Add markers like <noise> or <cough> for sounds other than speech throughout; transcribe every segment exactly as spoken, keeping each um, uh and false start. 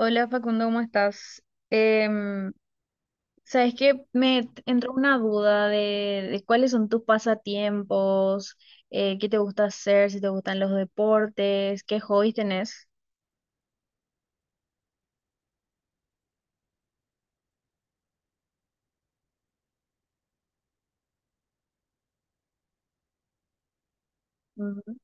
Hola Facundo, ¿cómo estás? Em, sabes que me entró una duda de, de cuáles son tus pasatiempos, eh, qué te gusta hacer, si te gustan los deportes, qué hobbies tenés. Ujú.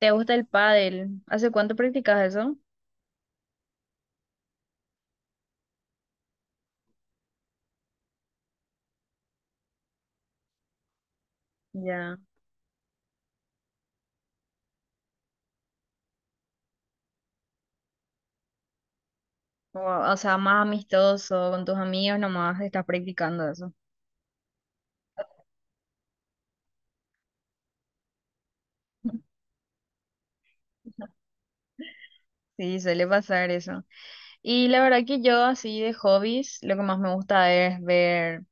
¿Te gusta el pádel? ¿Hace cuánto practicas eso? Ya. O, o sea, más amistoso, con tus amigos nomás estás practicando eso. <laughs> Sí, suele pasar eso. Y la verdad que yo así de hobbies, lo que más me gusta es ver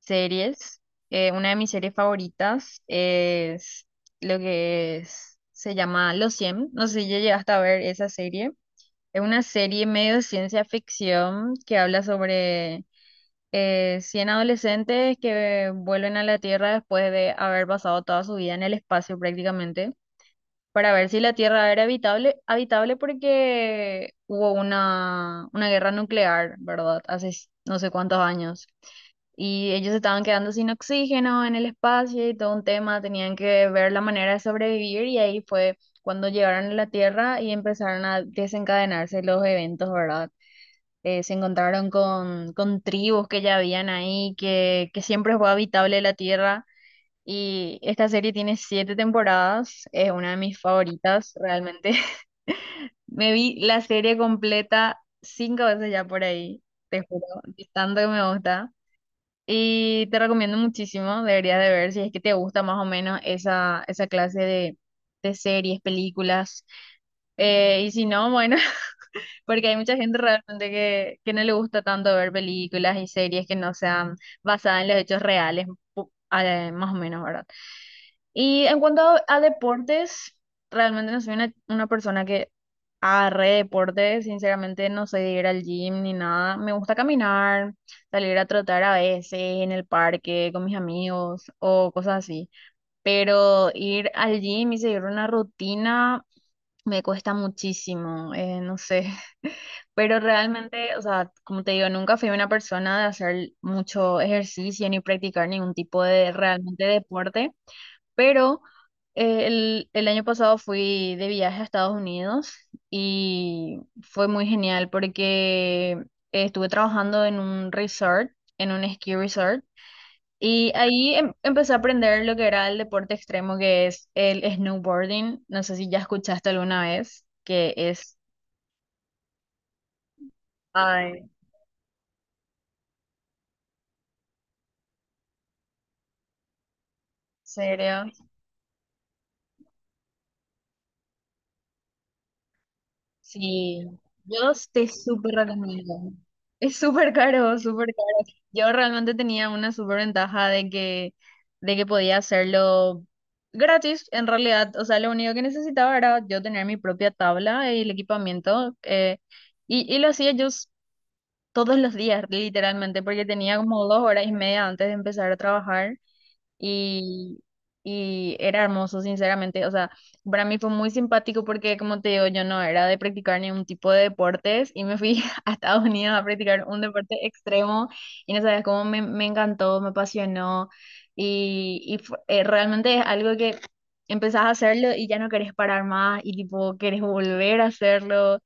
series. Eh, una de mis series favoritas es lo que es- se llama Los Cien. No sé si ya llegaste a ver esa serie. Es una serie medio de ciencia ficción que habla sobre eh, cien adolescentes que vuelven a la Tierra después de haber pasado toda su vida en el espacio prácticamente, para ver si la Tierra era habitable, habitable porque hubo una, una guerra nuclear, ¿verdad? Hace no sé cuántos años y ellos estaban quedando sin oxígeno en el espacio y todo un tema, tenían que ver la manera de sobrevivir y ahí fue cuando llegaron a la Tierra y empezaron a desencadenarse los eventos, ¿verdad? Eh, se encontraron con, con tribus que ya habían ahí, que, que siempre fue habitable la Tierra. Y esta serie tiene siete temporadas, es una de mis favoritas realmente. <laughs> Me vi la serie completa cinco veces ya por ahí, te juro, de tanto que me gusta. Y te recomiendo muchísimo, deberías de ver si es que te gusta más o menos esa, esa clase de, de series, películas. Eh, y si no, bueno, <laughs> porque hay mucha gente realmente que, que no le gusta tanto ver películas y series que no sean basadas en los hechos reales, pu- eh, más o menos, ¿verdad? Y en cuanto a, a deportes, realmente no soy una, una persona que agarre deportes, sinceramente no soy de ir al gym ni nada. Me gusta caminar, salir a trotar a veces en el parque con mis amigos o cosas así. Pero ir al gym y seguir una rutina me cuesta muchísimo, eh, no sé. <laughs> Pero realmente, o sea, como te digo, nunca fui una persona de hacer mucho ejercicio ni practicar ningún tipo de realmente deporte. Pero eh, el, el año pasado fui de viaje a Estados Unidos y fue muy genial porque estuve trabajando en un resort, en un ski resort, y ahí em- empecé a aprender lo que era el deporte extremo, que es el snowboarding. No sé si ya escuchaste alguna vez, que es... Ay, ¿en serio? Sí, yo te súper recomiendo. Es súper caro, súper caro. Yo realmente tenía una súper ventaja de que, de que podía hacerlo gratis, en realidad. O sea, lo único que necesitaba era yo tener mi propia tabla y el equipamiento. eh, y, y lo hacía yo s- todos los días, literalmente, porque tenía como dos horas y media antes de empezar a trabajar y, y era hermoso, sinceramente. O sea, para mí fue muy simpático porque, como te digo, yo no era de practicar ningún tipo de deportes y me fui <laughs> a Estados Unidos a practicar un deporte extremo y no sabes cómo me, me encantó, me apasionó y, y fu- eh, realmente es algo que empezás a hacerlo y ya no querés parar más y tipo querés volver a hacerlo.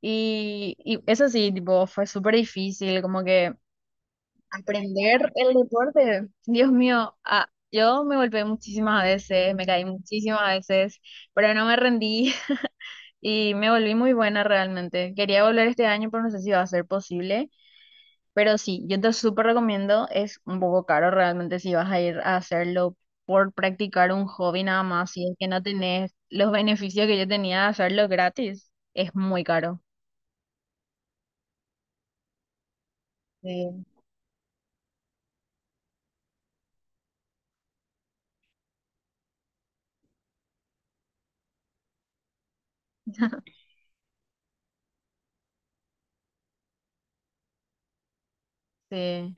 Y, y eso sí, tipo, fue súper difícil, como que aprender el deporte, Dios mío, ah, yo me golpeé muchísimas veces, me caí muchísimas veces, pero no me rendí <laughs> y me volví muy buena realmente. Quería volver este año, pero no sé si va a ser posible. Pero sí, yo te súper recomiendo, es un poco caro realmente si vas a ir a hacerlo por practicar un hobby nada más, si es que no tenés los beneficios que yo tenía de hacerlo gratis, es muy caro. Sí, sí,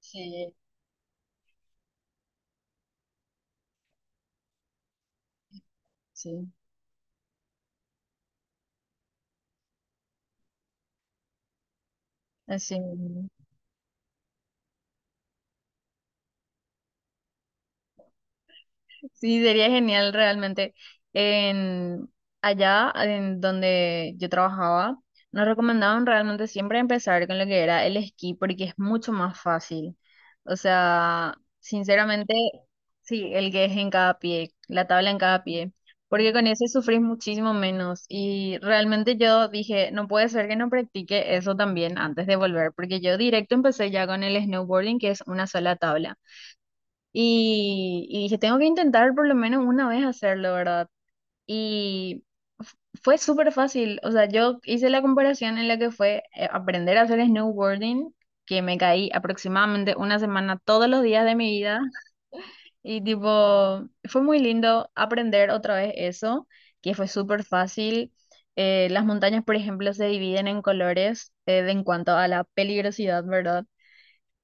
sí, sí, así mismo. Sí, sería genial realmente. En, Allá en donde yo trabajaba, nos recomendaban realmente siempre empezar con lo que era el esquí porque es mucho más fácil. O sea, sinceramente, sí, el que es en cada pie, la tabla en cada pie, porque con ese sufrís muchísimo menos. Y realmente yo dije, no puede ser que no practique eso también antes de volver, porque yo directo empecé ya con el snowboarding, que es una sola tabla. Y, y dije, tengo que intentar por lo menos una vez hacerlo, ¿verdad? Y f- fue súper fácil. O sea, yo hice la comparación en la que fue eh, aprender a hacer snowboarding, que me caí aproximadamente una semana todos los días de mi vida. <laughs> Y tipo, fue muy lindo aprender otra vez eso, que fue súper fácil. Eh, las montañas, por ejemplo, se dividen en colores eh, de en cuanto a la peligrosidad, ¿verdad?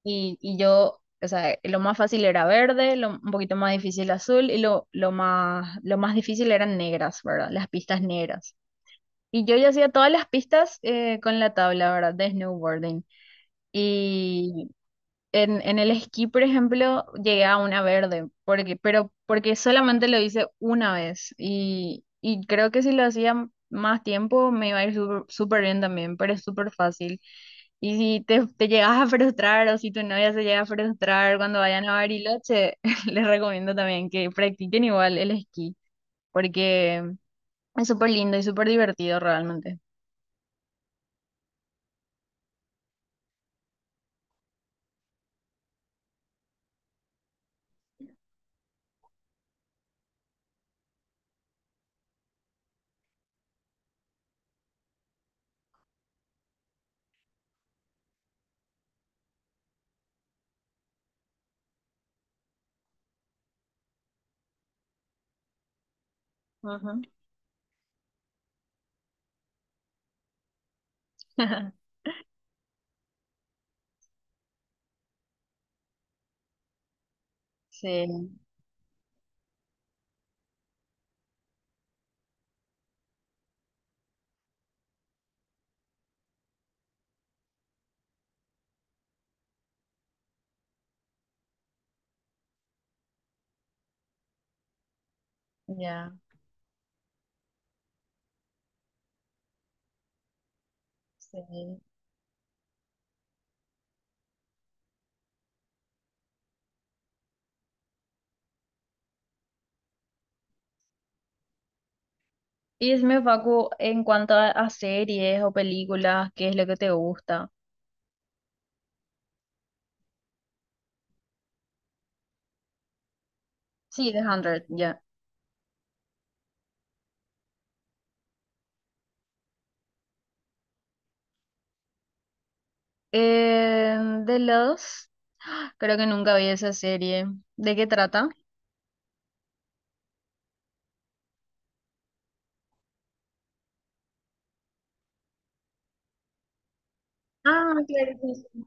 Y, y yo, o sea, lo más fácil era verde, lo, un poquito más difícil azul y lo, lo más, lo más difícil eran negras, ¿verdad? Las pistas negras. Y yo ya hacía todas las pistas eh, con la tabla, ¿verdad? De snowboarding. Y en, en el esquí, por ejemplo, llegué a una verde, porque, pero porque solamente lo hice una vez y, y creo que si lo hacía más tiempo me iba a ir súper súper bien también, pero es súper fácil. Y si te, te llegas a frustrar o si tu novia se llega a frustrar cuando vayan a Bariloche, <laughs> les recomiendo también que practiquen igual el esquí, porque es súper lindo y súper divertido realmente. Ujú. <laughs> Sí, ya, sí. Y decime, Facu, en cuanto a, a series o películas, ¿qué es lo que te gusta? Sí, The Hundred ya. Eh, de los... <gasps> Creo que nunca vi esa serie. ¿De qué trata? Ah, claro que sí.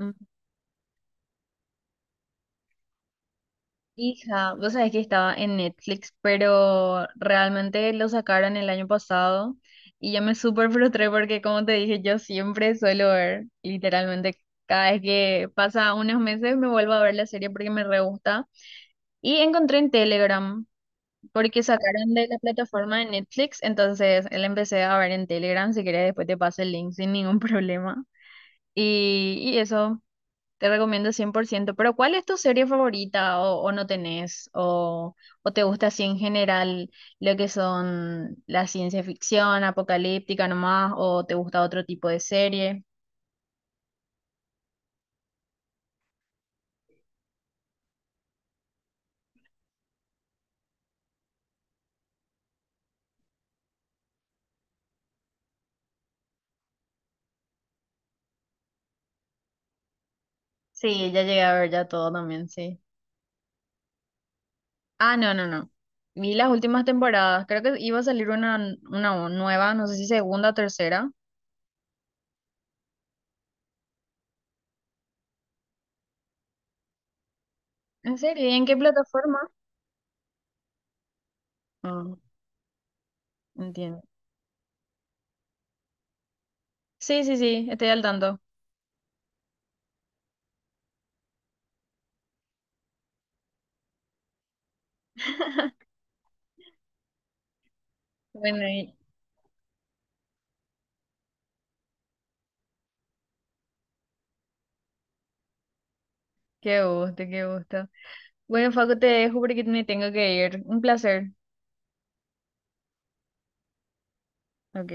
Mm. Hija, vos sabés que estaba en Netflix, pero realmente lo sacaron el año pasado y yo me súper frustré porque, como te dije, yo siempre suelo ver, literalmente, cada vez que pasa unos meses me vuelvo a ver la serie porque me re gusta. Y encontré en Telegram. Porque sacaron de la plataforma de Netflix, entonces él empecé a ver en Telegram, si querés después te paso el link sin ningún <laughs> problema. Y, y eso te recomiendo cien por ciento. Pero ¿cuál es tu serie favorita o, o no tenés? O, ¿O te gusta así en general lo que son la ciencia ficción, apocalíptica nomás? ¿O te gusta otro tipo de serie? Sí, ya llegué a ver ya todo también, sí. Ah, no, no, no. Vi las últimas temporadas, creo que iba a salir una, una nueva, no sé si segunda o tercera. ¿En serio? ¿Y en qué plataforma? Ah, entiendo. Sí, sí, sí, estoy al tanto. <laughs> Bueno, y qué gusto, qué gusto. Bueno, Facu, te dejo porque me tengo que ir. Un placer. Ok.